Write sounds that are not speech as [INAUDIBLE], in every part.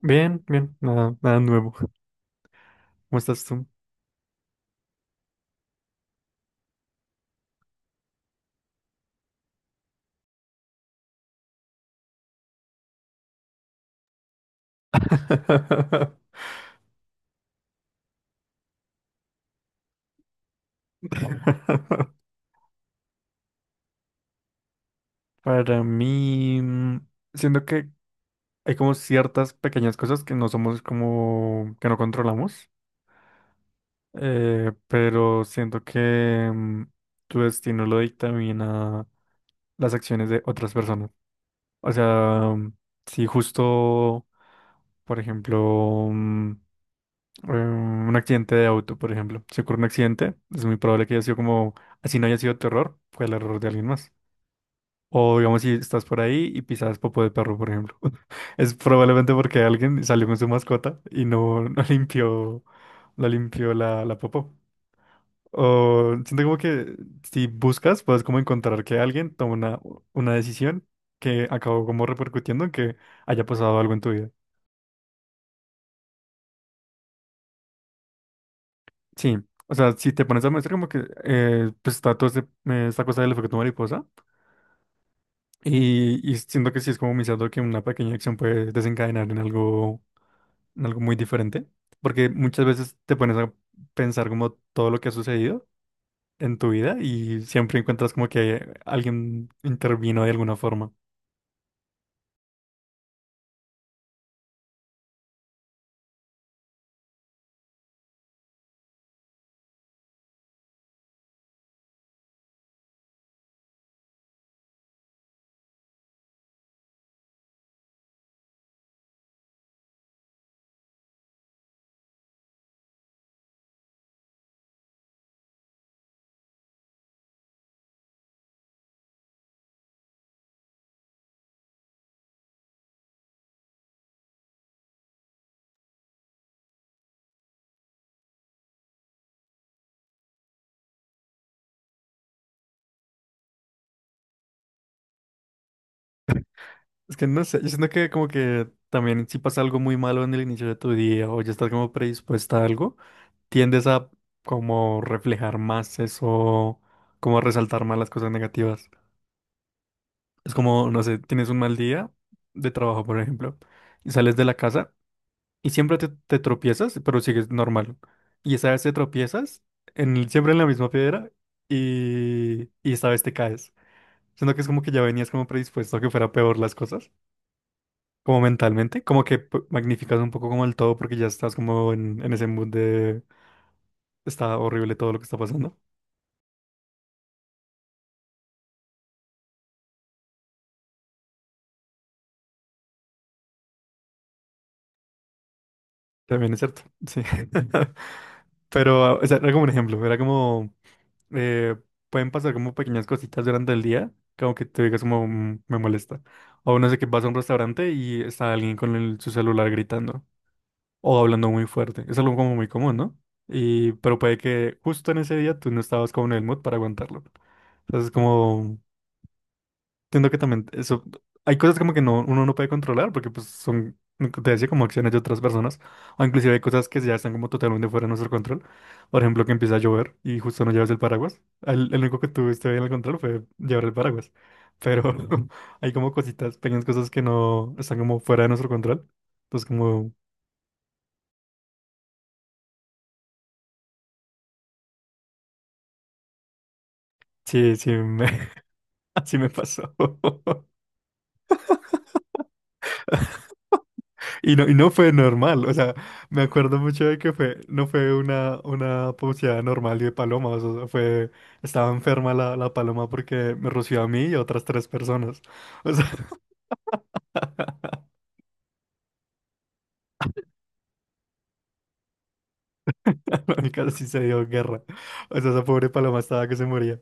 Bien, bien, nada, nada nuevo. ¿Cómo estás tú? [LAUGHS] Para mí, siento que hay como ciertas pequeñas cosas que no somos como, que no controlamos, pero siento que tu destino lo dictamina las acciones de otras personas. O sea, mm, si justo, por ejemplo, un accidente de auto, por ejemplo. Si ocurre un accidente, es muy probable que haya sido como, así no haya sido tu error, fue el error de alguien más. O digamos, si estás por ahí y pisas popo de perro, por ejemplo. [LAUGHS] Es probablemente porque alguien salió con su mascota y no [LAUGHS] limpió, no limpió la popó. O siento como que si buscas, puedes como encontrar que alguien toma una decisión que acabó como repercutiendo en que haya pasado algo en tu vida. Sí, o sea, si te pones a mostrar como que pues está toda esta cosa del efecto mariposa y siento que sí es como iniciando que una pequeña acción puede desencadenar en algo muy diferente, porque muchas veces te pones a pensar como todo lo que ha sucedido en tu vida y siempre encuentras como que alguien intervino de alguna forma. Es que no sé, yo siento que como que también si pasa algo muy malo en el inicio de tu día o ya estás como predispuesta a algo. Tiendes a como reflejar más eso, como a resaltar más las cosas negativas. Es como, no sé, tienes un mal día de trabajo, por ejemplo, y sales de la casa y siempre te tropiezas, pero sigues normal. Y esa vez te tropiezas en, siempre en la misma piedra y esta vez te caes. Siento que es como que ya venías como predispuesto a que fuera peor las cosas, como mentalmente, como que magnificas un poco como el todo porque ya estás como en ese mood de está horrible todo lo que está pasando. También es cierto, sí. [LAUGHS] Pero, o sea, era como un ejemplo, era como, eh, pueden pasar como pequeñas cositas durante el día, como que te digas como, "Mm, me molesta". O no sé, que vas a un restaurante y está alguien con su celular gritando o hablando muy fuerte. Es algo como muy común, ¿no? Y, pero puede que justo en ese día tú no estabas como en el mood para aguantarlo. Entonces, como entiendo que también eso, hay cosas como que no, uno no puede controlar porque pues son, lo que te decía, como acciones de otras personas, o inclusive hay cosas que ya están como totalmente fuera de nuestro control. Por ejemplo, que empieza a llover y justo no llevas el paraguas. El único que tuviste bien el control fue llevar el paraguas. Pero [LAUGHS] hay como cositas, pequeñas cosas que no están como fuera de nuestro control. Entonces como, sí, sí, me, [LAUGHS] así me pasó. [LAUGHS] Y no fue normal, o sea, me acuerdo mucho de que fue, no fue una pauseada normal de palomas, o sea, fue, estaba enferma la paloma porque me roció a mí y a otras tres personas, o sea, [LAUGHS] la única sí se dio guerra, o sea, esa pobre paloma estaba que se moría,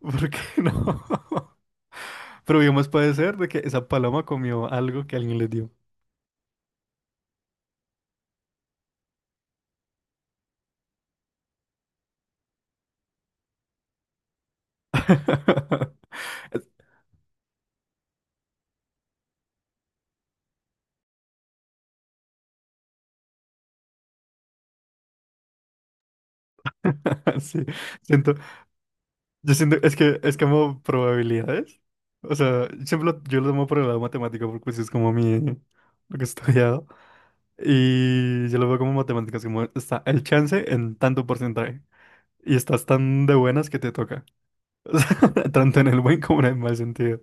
porque no, [LAUGHS] pero bien más puede ser de que esa paloma comió algo que alguien le dio, [LAUGHS] sí, siento, yo siento, es que es como probabilidades. O sea, siempre yo lo tomo por el lado matemático porque eso es como mi lo que he estudiado. Y yo lo veo como matemáticas, como está el chance en tanto porcentaje. Y estás tan de buenas que te toca. [LAUGHS] O sea, tanto en el buen como en el mal sentido.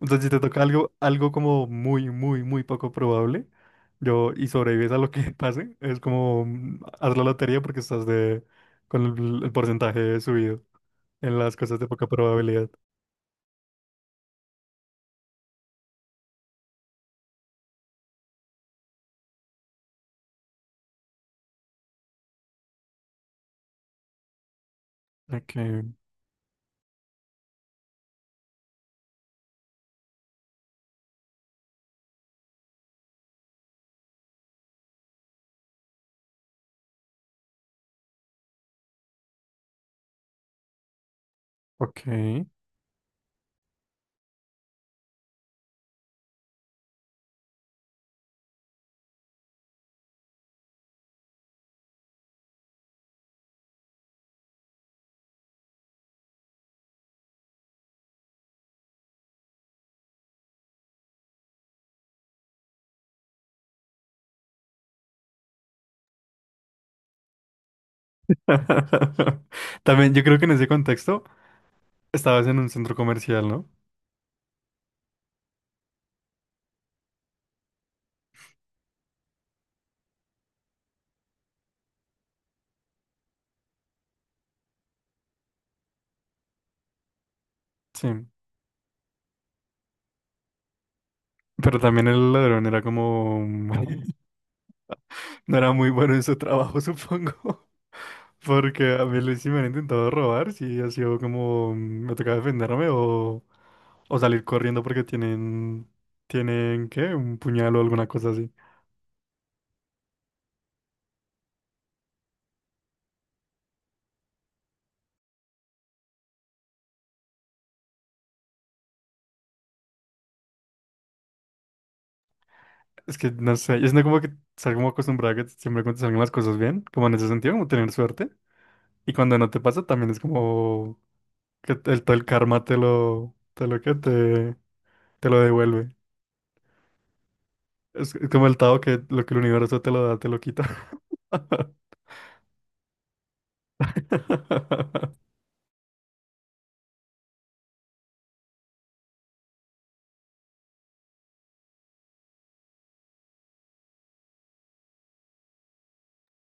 Entonces, si te toca algo, algo como muy, muy, muy poco probable, yo, y sobrevives a lo que [LAUGHS] pase, es como haz la lotería porque estás de con el porcentaje subido en las cosas de poca probabilidad. Okay, okay. [LAUGHS] También yo creo que en ese contexto estabas en un centro comercial, ¿no? Sí. Pero también el ladrón era como... [LAUGHS] no era muy bueno en su trabajo, supongo. [LAUGHS] Porque a mí sí me han intentado robar, sí ha sido como... me toca defenderme o salir corriendo porque tienen... Tienen, ¿qué? Un puñal o alguna cosa así. Es que no sé, ¿es siento como que estar como acostumbrada a que siempre cuando te salgan las cosas bien, como en ese sentido, como tener suerte. Y cuando no te pasa, también es como que todo el karma te lo que te lo devuelve. Es como el Tao que lo que el universo te lo da, te lo quita. [LAUGHS]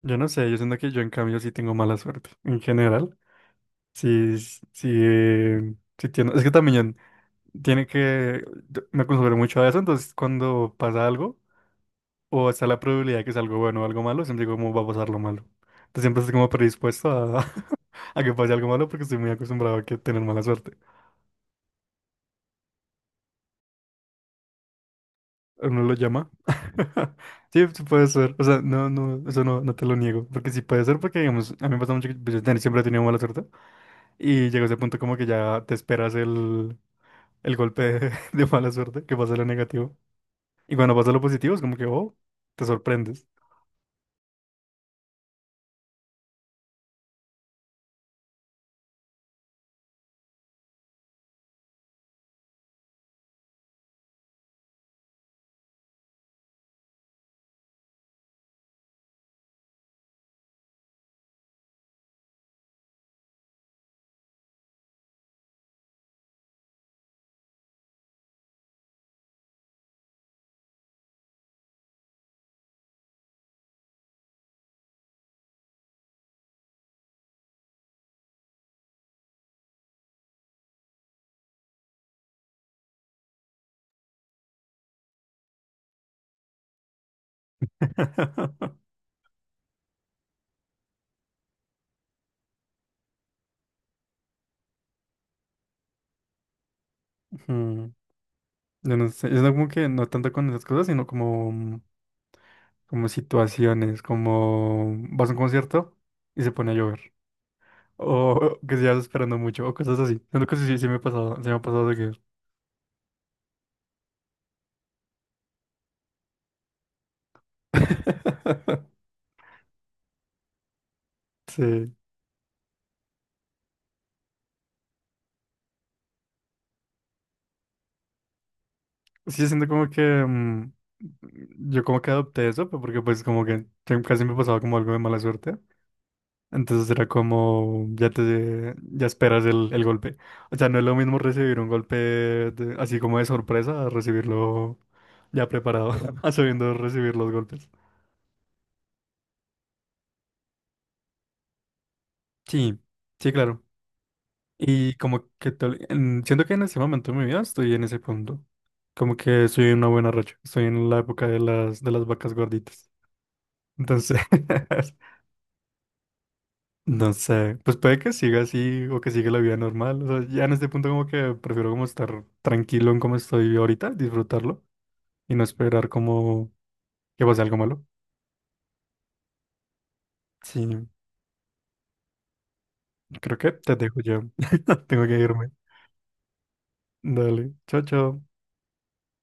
Yo no sé, yo siento que yo en cambio sí tengo mala suerte. En general, sí, sí, sí tiene. Es que también tiene que. Yo me acostumbré mucho a eso, entonces cuando pasa algo, o está la probabilidad de que sea algo bueno o algo malo, siempre digo cómo va a pasar lo malo. Entonces siempre estoy como predispuesto a, [LAUGHS] a que pase algo malo porque estoy muy acostumbrado a que tener mala suerte. Uno lo llama. [LAUGHS] Sí, sí puede ser. O sea, no, no, eso no, no te lo niego. Porque sí puede ser porque, digamos, a mí me pasa mucho que pues, yo siempre he tenido mala suerte y llega ese punto como que ya te esperas el golpe de, [LAUGHS] de mala suerte, que pasa lo negativo. Y cuando pasa lo positivo es como que, oh, te sorprendes. [LAUGHS] Mm, yo no sé, yo no como que no tanto con esas cosas, sino como... como situaciones, como vas a un concierto y se pone a llover, o que estás esperando mucho, o cosas así. Siento que sí, sí, sí me ha pasado, sí me ha pasado de que [LAUGHS] sí, sí, siento como que mm, yo como que adopté eso, pero porque pues como que casi me pasaba como algo de mala suerte. Entonces era como, ya te, ya esperas el golpe. O sea, no es lo mismo recibir un golpe así como de sorpresa a recibirlo ya preparado, [LAUGHS] a sabiendo recibir los golpes. Sí, sí, claro. Y como que tal, siento que en ese momento de mi vida estoy en ese punto. Como que estoy en una buena racha. Estoy en la época de las vacas gorditas. Entonces, [LAUGHS] no sé, pues puede que siga así o que siga la vida normal. O sea, ya en este punto como que prefiero como estar tranquilo en cómo estoy ahorita, disfrutarlo y no esperar como que pase algo malo. Sí, creo que te dejo ya. [LAUGHS] Tengo que irme. Dale, chao, chao.